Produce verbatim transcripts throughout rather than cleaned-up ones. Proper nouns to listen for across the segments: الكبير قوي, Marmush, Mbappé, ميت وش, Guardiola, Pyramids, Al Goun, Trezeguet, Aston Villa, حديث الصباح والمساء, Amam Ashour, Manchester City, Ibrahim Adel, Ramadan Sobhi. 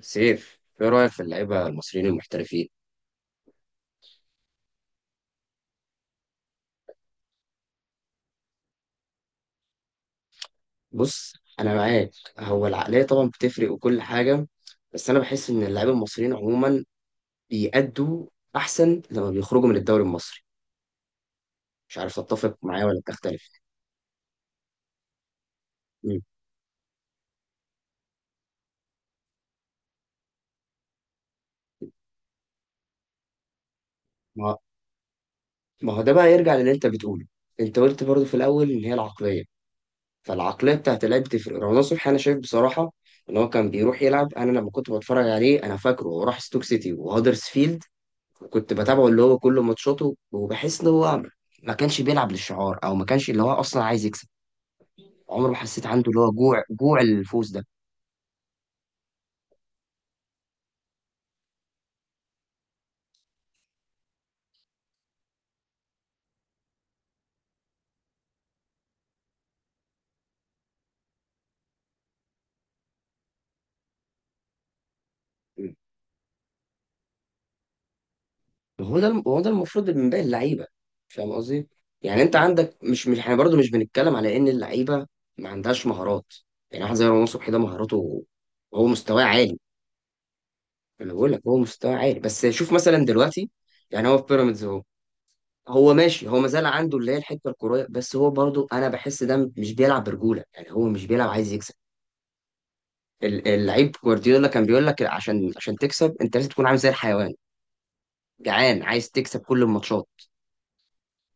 سيف، ايه رايك في اللعيبه المصريين المحترفين؟ بص، انا معاك. هو العقليه طبعا بتفرق وكل حاجه. بس انا بحس ان اللعيبه المصريين عموما بيأدوا احسن لما بيخرجوا من الدوري المصري. مش عارف تتفق معايا ولا تختلف. مم. ما ما هو ده بقى يرجع للي انت بتقوله. انت قلت برضو في الاول ان هي العقليه، فالعقليه بتاعت اللعيب بتفرق. رمضان صبحي انا شايف بصراحه ان هو كان بيروح يلعب. انا لما كنت بتفرج عليه، انا فاكره هو راح ستوك سيتي وهدرسفيلد، وكنت بتابعه اللي هو كل ماتشاته، وبحس ان هو ما كانش بيلعب للشعار، او ما كانش اللي هو اصلا عايز يكسب. عمره ما حسيت عنده اللي هو جوع جوع الفوز ده. هو ده هو ده المفروض من باقي اللعيبه. فاهم قصدي؟ يعني انت عندك، مش مش احنا برضه مش بنتكلم على ان اللعيبه ما عندهاش مهارات. يعني واحد زي رمضان صبحي ده مهاراته، هو مستواه عالي. انا بقول لك هو مستواه عالي، بس شوف مثلا دلوقتي. يعني هو في بيراميدز اهو. هو ماشي، هو مازال عنده اللي هي الحته الكرويه، بس هو برضو انا بحس ده مش بيلعب برجوله. يعني هو مش بيلعب عايز يكسب. ال- اللعيب جوارديولا كان بيقول لك عشان عشان تكسب انت لازم تكون عامل زي الحيوان، جعان، عايز تكسب كل الماتشات.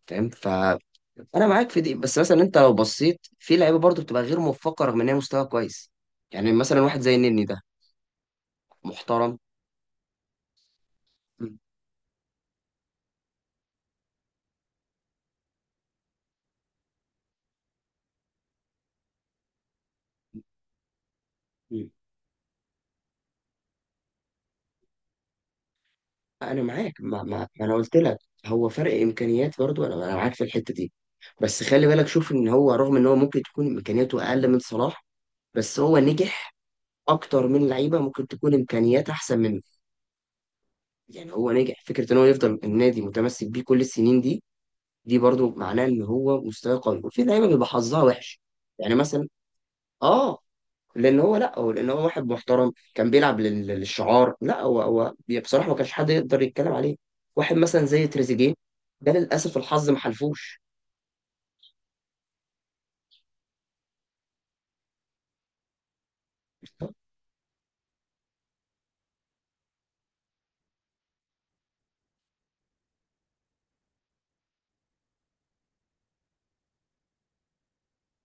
فاهم. ف انا معاك في دي، بس مثلا انت لو بصيت في لعيبه برضو بتبقى غير موفقه رغم ان هي مستوى كويس. يعني مثلا واحد زي النني ده محترم. انا معاك. ما, ما, ما انا قلت لك، هو فرق امكانيات برضو، انا انا معاك في الحته دي. بس خلي بالك، شوف ان هو رغم ان هو ممكن تكون امكانياته اقل من صلاح، بس هو نجح اكتر من لعيبه ممكن تكون امكانيات احسن منه. يعني هو نجح. فكره ان هو يفضل النادي متمسك بيه كل السنين دي، دي برضو معناه ان هو مستواه قوي. وفي لعيبه بيبقى حظها وحش. يعني مثلا، اه لان هو، لا هو لان هو واحد محترم كان بيلعب لل- للشعار. لا هو هو بي- بصراحه ما كانش حد يقدر يتكلم عليه. واحد مثلا زي تريزيجيه، ده للاسف الحظ ما حلفوش.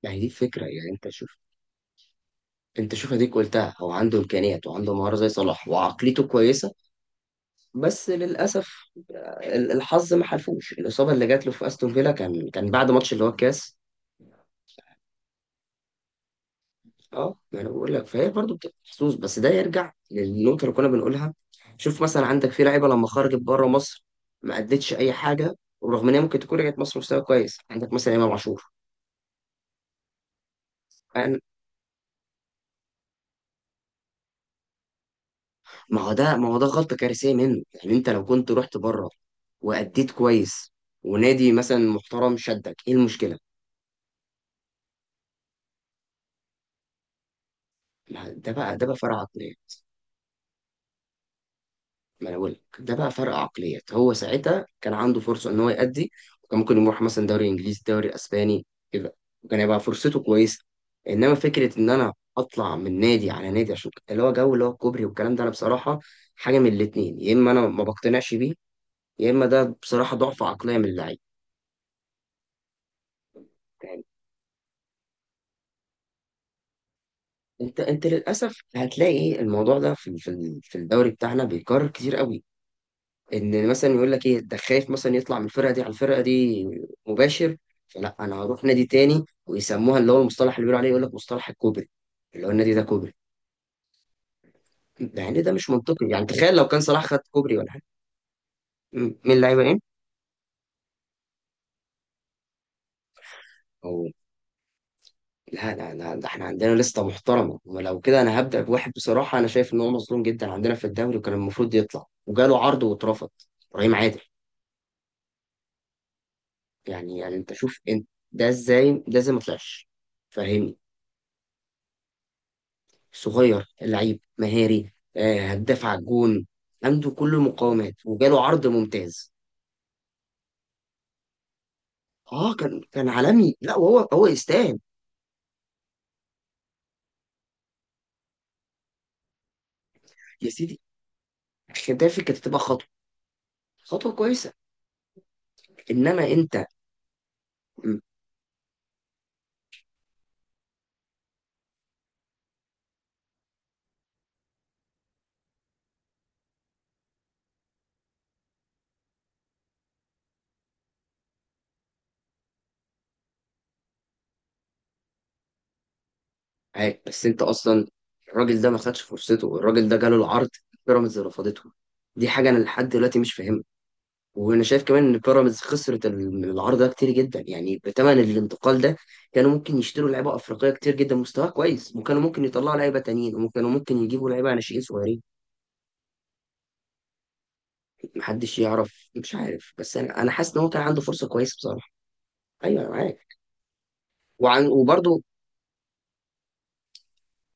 يعني دي فكره. يعني انت شوف، انت شوف اديك قلتها هو عنده امكانيات وعنده مهاره زي صلاح وعقليته كويسه، بس للاسف ال- الحظ ما حلفوش. الاصابه اللي جات له في استون فيلا كان كان بعد ماتش اللي هو الكاس. اه، ما انا بقول لك فهي برضه بتبقى محظوظ، بس ده يرجع للنقطه اللي كنا بنقولها. شوف مثلا عندك في لعيبه لما خرجت بره مصر، ما ادتش اي حاجه، ورغم ان هي ممكن تكون رجعت مصر مستوى كويس. عندك مثلا امام عاشور. أنا- ما هو ده ما هو ده غلطه كارثيه منه. يعني انت لو كنت رحت بره، واديت كويس، ونادي مثلا محترم شدك، ايه المشكله؟ ما ده بقى ده بقى فرع عقليه. ما انا بقول لك ده بقى فرق عقليات. هو ساعتها كان عنده فرصه ان هو يأدي، وكان ممكن يروح مثلا دوري انجليزي، دوري اسباني، كده، وكان هيبقى فرصته كويسه. انما فكره ان انا اطلع من نادي على نادي عشان اللي هو جو اللي هو الكوبري والكلام ده، انا بصراحه، حاجه من الاتنين: يا اما انا ما بقتنعش بيه، يا اما ده بصراحه ضعف عقليه من اللعيب. يعني انت انت للاسف هتلاقي الموضوع ده في في في الدوري بتاعنا بيكرر كتير قوي، ان مثلا يقول لك ايه ده، خايف مثلا يطلع من الفرقه دي على الفرقه دي مباشر، فلا انا هروح نادي تاني، ويسموها اللي هو المصطلح اللي بيقولوا عليه، يقول لك مصطلح الكوبري، اللي هو النادي ده كوبري. ده يعني ده مش منطقي. يعني تخيل لو كان صلاح خد كوبري ولا حاجه. م- مين اللعيبه ايه؟ أو. لا، لا، لا، ده احنا عندنا لسته محترمه. ولو كده انا هبدا بواحد، بصراحه انا شايف ان هو مظلوم جدا عندنا في الدوري، وكان المفروض يطلع وجاله عرض واترفض. ابراهيم عادل. يعني يعني انت شوف انت، ده ازاي ده ازاي ما طلعش؟ فاهمني؟ صغير، لعيب مهاري، آه، هداف على الجون. عنده كل المقاومات وجاله عرض ممتاز. اه، كان كان عالمي. لا، وهو هو يستاهل. يا سيدي، احترافي كانت تبقى خطوه، خطوه كويسه. انما انت. م- معاك، بس انت اصلا الراجل ده ما خدش فرصته. الراجل ده جاله العرض، بيراميدز رفضته. دي حاجه انا لحد دلوقتي مش فاهمها. وانا شايف كمان ان بيراميدز خسرت ال- العرض ده كتير جدا، يعني بثمن الانتقال ده كانوا ممكن يشتروا لعيبه افريقيه كتير جدا مستواها كويس، وكانوا ممكن يطلعوا لعيبه تانيين، وكانوا ممكن يجيبوا لعيبه ناشئين صغيرين. محدش يعرف، مش عارف، بس انا انا حاسس ان هو كان عنده فرصه كويسه بصراحه. ايوه، انا معاك. وعن وبرده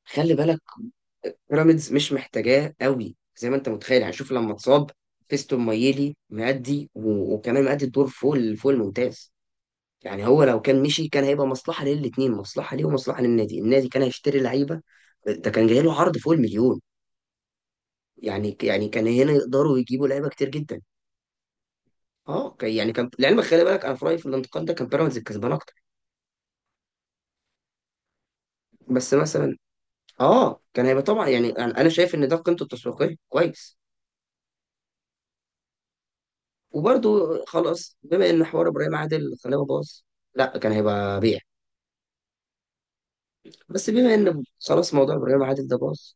خلي بالك، بيراميدز مش محتاجاه قوي زي ما انت متخيل. يعني شوف لما اتصاب، فيستون مايلي مأدي و- وكمان مأدي الدور فوق ال- فوق الممتاز. يعني هو لو كان مشي كان هيبقى مصلحة للاتنين: مصلحة ليه ومصلحة للنادي. النادي كان هيشتري لعيبة. ده كان جاي له عرض فوق المليون. يعني يعني كان هنا يقدروا يجيبوا لعيبة كتير جدا. اه، كان- يعني كان لعلمك، خلي بالك، انا في رأيي في الانتقال ده كان بيراميدز الكسبان اكتر. بس مثلا، اه، كان هيبقى طبعا. يعني انا أنا شايف ان ده قيمته التسويقية كويس. وبرده، خلاص بما ان حوار ابراهيم عادل خلاه باظ. لا، كان هيبقى بيع. بس بما ان خلاص موضوع ابراهيم عادل ده باظ.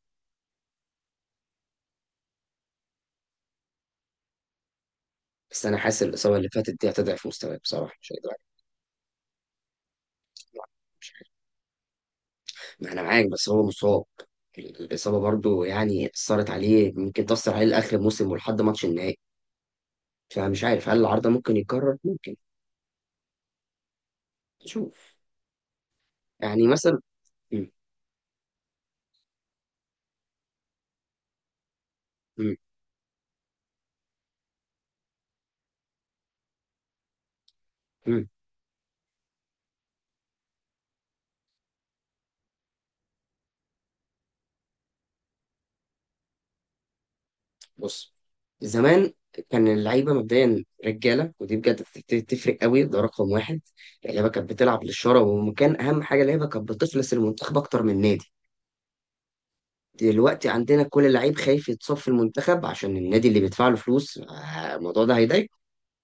بس انا حاسس الاصابة اللي فاتت دي هتضعف مستواه، بصراحة مش هيقدر عليه. ما انا معاك، بس هو مصاب. الاصابه برضو يعني اثرت عليه، ممكن تاثر عليه لاخر الموسم ولحد ماتش النهائي. فمش عارف هل العرضه ممكن يتكرر، ممكن. نشوف. يعني مثلا. مم. مم. مم. بص، زمان كان اللعيبه مبدئيا رجاله، ودي بجد بت- تفرق قوي. ده رقم واحد. اللعيبه كانت بتلعب للشرف، وكان اهم حاجه اللعيبه كانت بتخلص المنتخب اكتر من النادي. دلوقتي عندنا كل لعيب خايف يتصاب في المنتخب عشان النادي اللي بيدفع له فلوس، آه، الموضوع ده هيضايقه،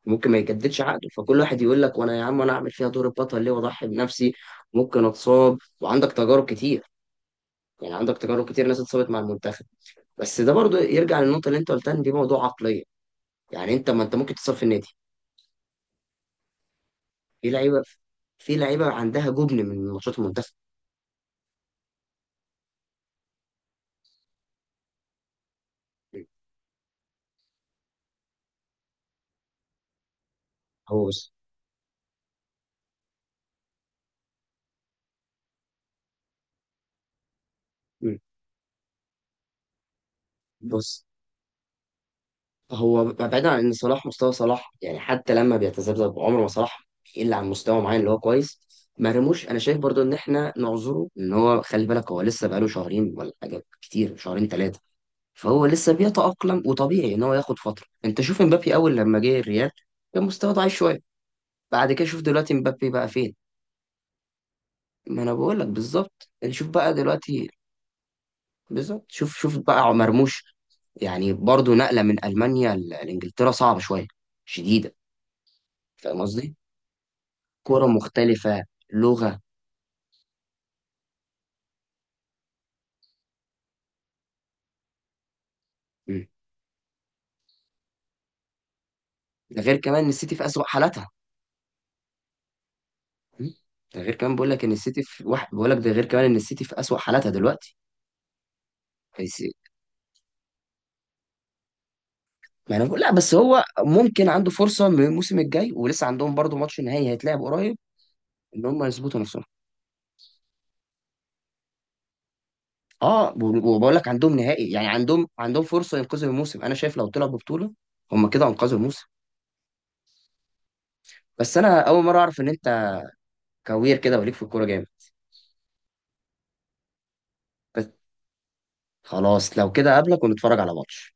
ممكن ما يجددش عقده. فكل واحد يقول لك: وانا يا عم، انا اعمل فيها دور البطل ليه واضحي بنفسي؟ ممكن اتصاب، وعندك تجارب كتير. يعني عندك تجارب كتير، ناس اتصابت مع المنتخب. بس ده برضو يرجع للنقطه اللي انت قلتها، ان دي موضوع عقليه. يعني انت، ما انت ممكن تتصاب في النادي. في لعيبه، في لعيبه عندها جبن من ماتشات المنتخب. هو بس. بص، هو بعيدا عن ان صلاح، مستوى صلاح يعني حتى لما بيتذبذب، عمره ما صلاح الا عن مستوى معين اللي هو كويس. مرموش انا شايف برضو ان احنا نعذره، ان هو خلي بالك هو لسه بقاله شهرين ولا حاجه كتير، شهرين ثلاثه. فهو لسه بيتاقلم، وطبيعي ان هو ياخد فتره. انت شوف امبابي اول لما جه الريال كان مستواه ضعيف شويه. بعد كده شوف دلوقتي امبابي بقى فين. ما انا بقول لك بالظبط. يعني شوف بقى دلوقتي. بالظبط. شوف شوف بقى مرموش، يعني برضو نقله من المانيا ل- لانجلترا صعبه شويه، شديده. فاهم قصدي؟ كرة مختلفة، لغة. م. ده غير كمان ان السيتي في أسوأ حالاتها. م. ده غير كمان بقول لك ان السيتي في واحد، بقول لك ده غير كمان ان السيتي في أسوأ حالاتها دلوقتي. بس- ما انا بقول لا، بس هو ممكن عنده فرصة من الموسم الجاي، ولسه عندهم برضو ماتش نهائي هيتلعب قريب، ان هم يظبطوا نفسهم. اه، وبقول لك عندهم نهائي. يعني عندهم عندهم فرصة ينقذوا الموسم. انا شايف لو طلعوا ببطولة، هم كده انقذوا الموسم. بس انا اول مرة اعرف ان انت كوير كده وليك في الكورة جامد. بس خلاص، لو كده قابلك ونتفرج على ماتش.